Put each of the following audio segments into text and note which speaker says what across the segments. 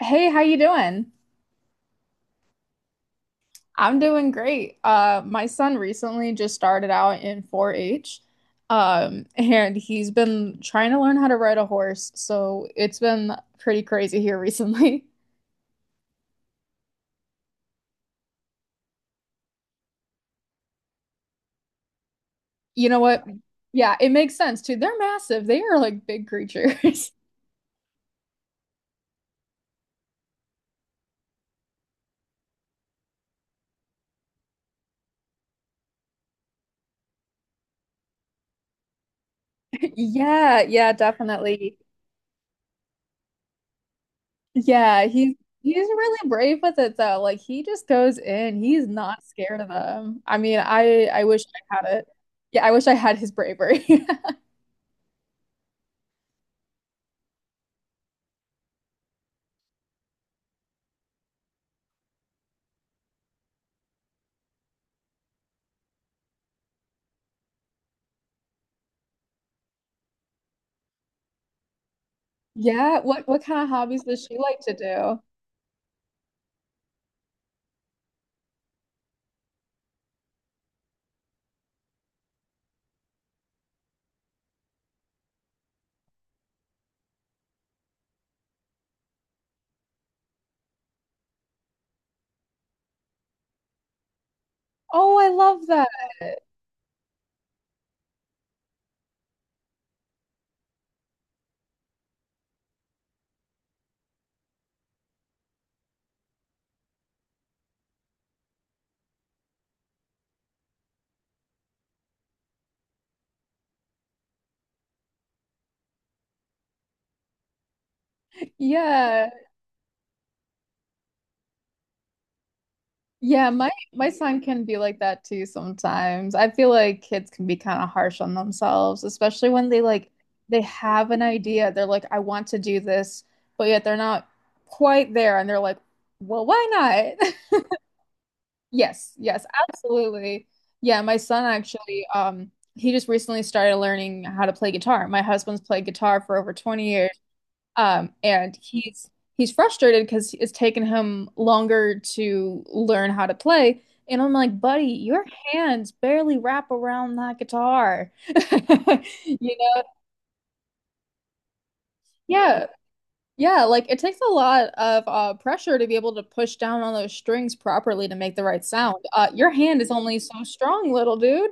Speaker 1: Hey, how you doing? I'm doing great. My son recently just started out in 4-H, and he's been trying to learn how to ride a horse, so it's been pretty crazy here recently. You know what? Yeah, it makes sense too. They're massive. They are like big creatures. Yeah, yeah, definitely. Yeah, he's really brave with it though. Like he just goes in. He's not scared of them. I mean, I wish I had it. Yeah, I wish I had his bravery. Yeah, what kind of hobbies does she like to do? Oh, I love that. Yeah. Yeah, my son can be like that too sometimes. I feel like kids can be kind of harsh on themselves, especially when they like they have an idea. They're like, I want to do this, but yet they're not quite there and they're like, well, why not? Yes, yes, absolutely. Yeah, my son actually he just recently started learning how to play guitar. My husband's played guitar for over 20 years. And he's frustrated because it's taken him longer to learn how to play. And I'm like, buddy, your hands barely wrap around that guitar. You know? Yeah. Yeah, like it takes a lot of pressure to be able to push down on those strings properly to make the right sound. Your hand is only so strong, little dude.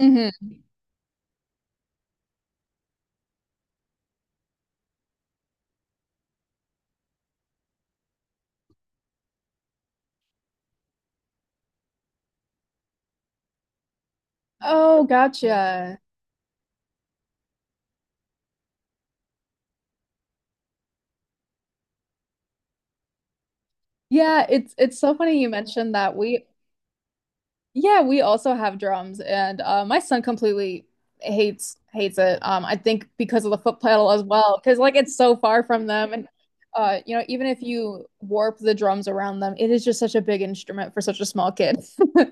Speaker 1: Hmm. Oh, gotcha. Yeah, it's so funny you mentioned that. We— yeah, we also have drums, and my son completely hates it. I think because of the foot pedal as well, because like it's so far from them, and you know, even if you warp the drums around them, it is just such a big instrument for such a small kid.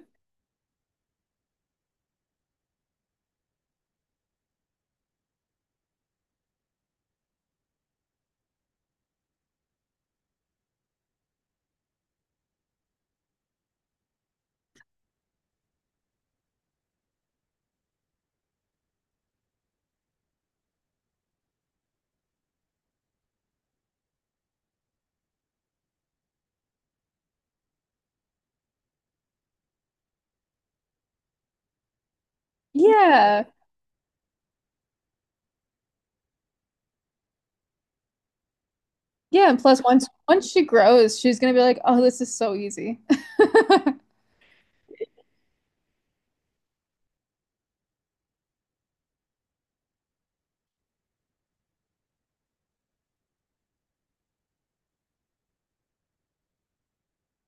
Speaker 1: Yeah, yeah, and plus once she grows, she's gonna be like, oh, this is so easy.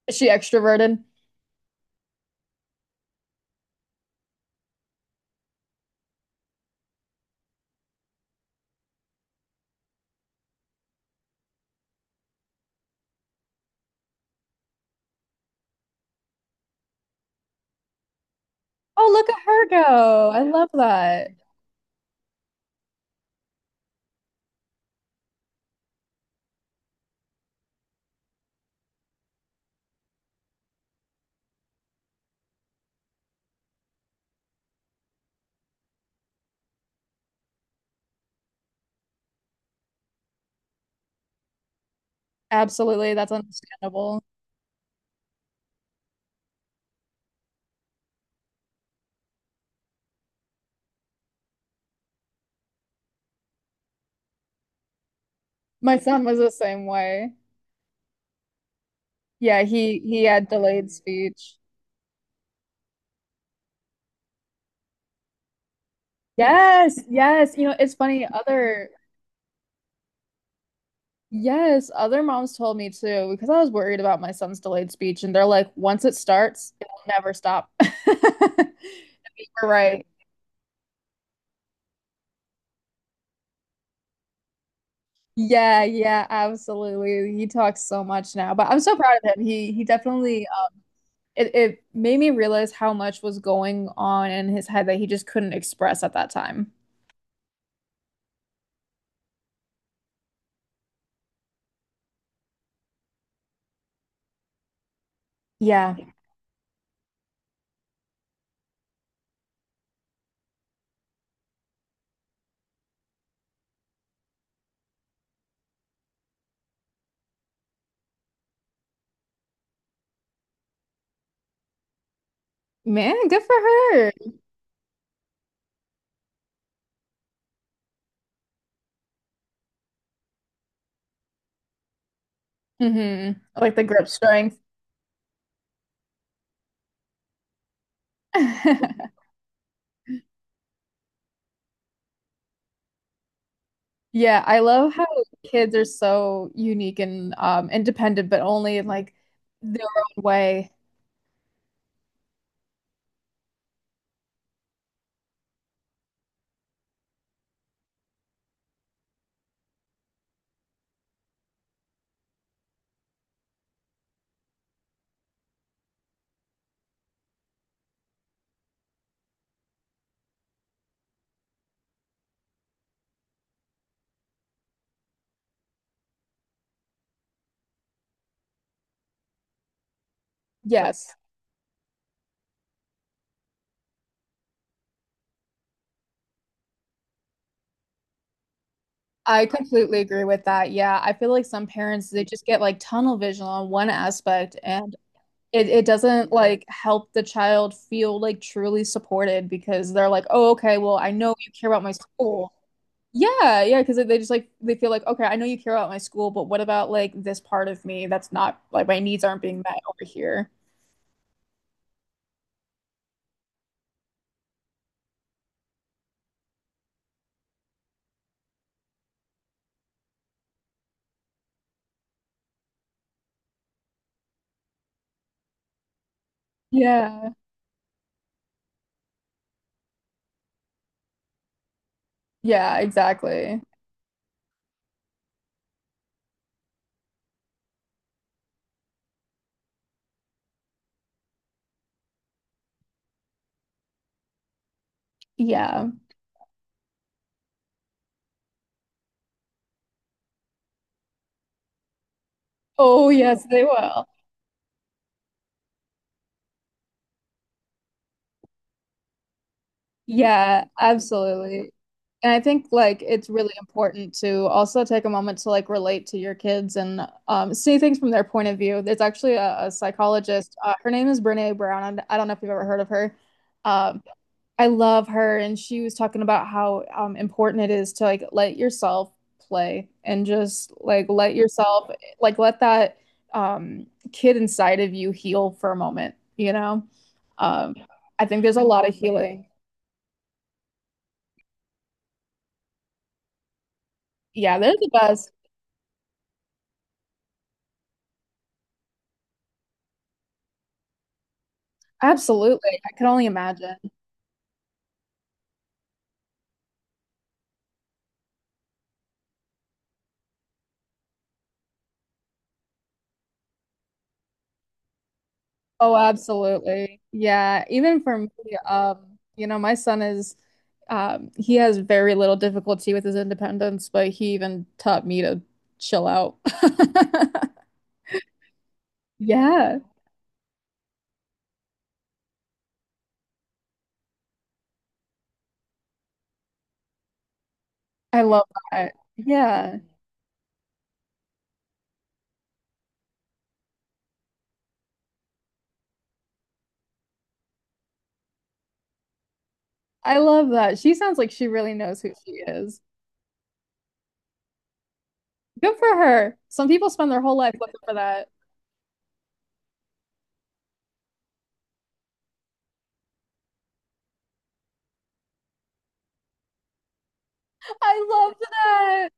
Speaker 1: Is she extroverted? Oh, look at her go! I love that. Absolutely, that's understandable. My son was the same way. Yeah, he had delayed speech. Yes, yes. You know, it's funny. Other— yes, other moms told me too because I was worried about my son's delayed speech, and they're like, once it starts, it will never stop. You're right. Yeah, yeah, absolutely. He talks so much now, but I'm so proud of him. He definitely it, it made me realize how much was going on in his head that he just couldn't express at that time. Yeah. Man, good for her. Hmm. Like the grip strength. Yeah, I love how kids are so unique and independent, but only in like their own way. Yes, I completely agree with that. Yeah, I feel like some parents they just get like tunnel vision on one aspect, and it doesn't like help the child feel like truly supported because they're like, oh, okay, well, I know you care about my school. Yeah, yeah, because they just like they feel like, okay, I know you care about my school, but what about like this part of me that's not like my needs aren't being met over here? Yeah. Yeah, exactly. Yeah. Oh, yes, they will. Yeah, absolutely. And I think like it's really important to also take a moment to like relate to your kids and see things from their point of view. There's actually a psychologist. Her name is Brene Brown. I don't know if you've ever heard of her. Um, I love her, and she was talking about how important it is to like let yourself play and just like let yourself like let that um, kid inside of you heal for a moment. Um, I think there's a lot of healing. Yeah, they're the best. Absolutely, I can only imagine. Oh, absolutely. Yeah, even for me, you know, my son is he has very little difficulty with his independence, but he even taught me to chill out. Yeah, I love that. Yeah. I love that. She sounds like she really knows who she is. Good for her. Some people spend their whole life looking for that. I love that.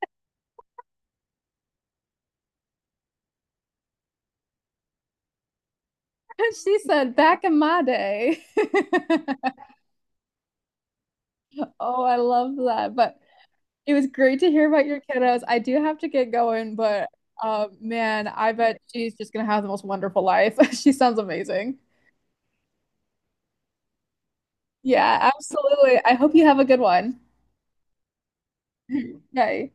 Speaker 1: She said, back in my day. Oh, I love that. But it was great to hear about your kiddos. I do have to get going, but man, I bet she's just gonna have the most wonderful life. She sounds amazing. Yeah, absolutely. I hope you have a good one. Bye.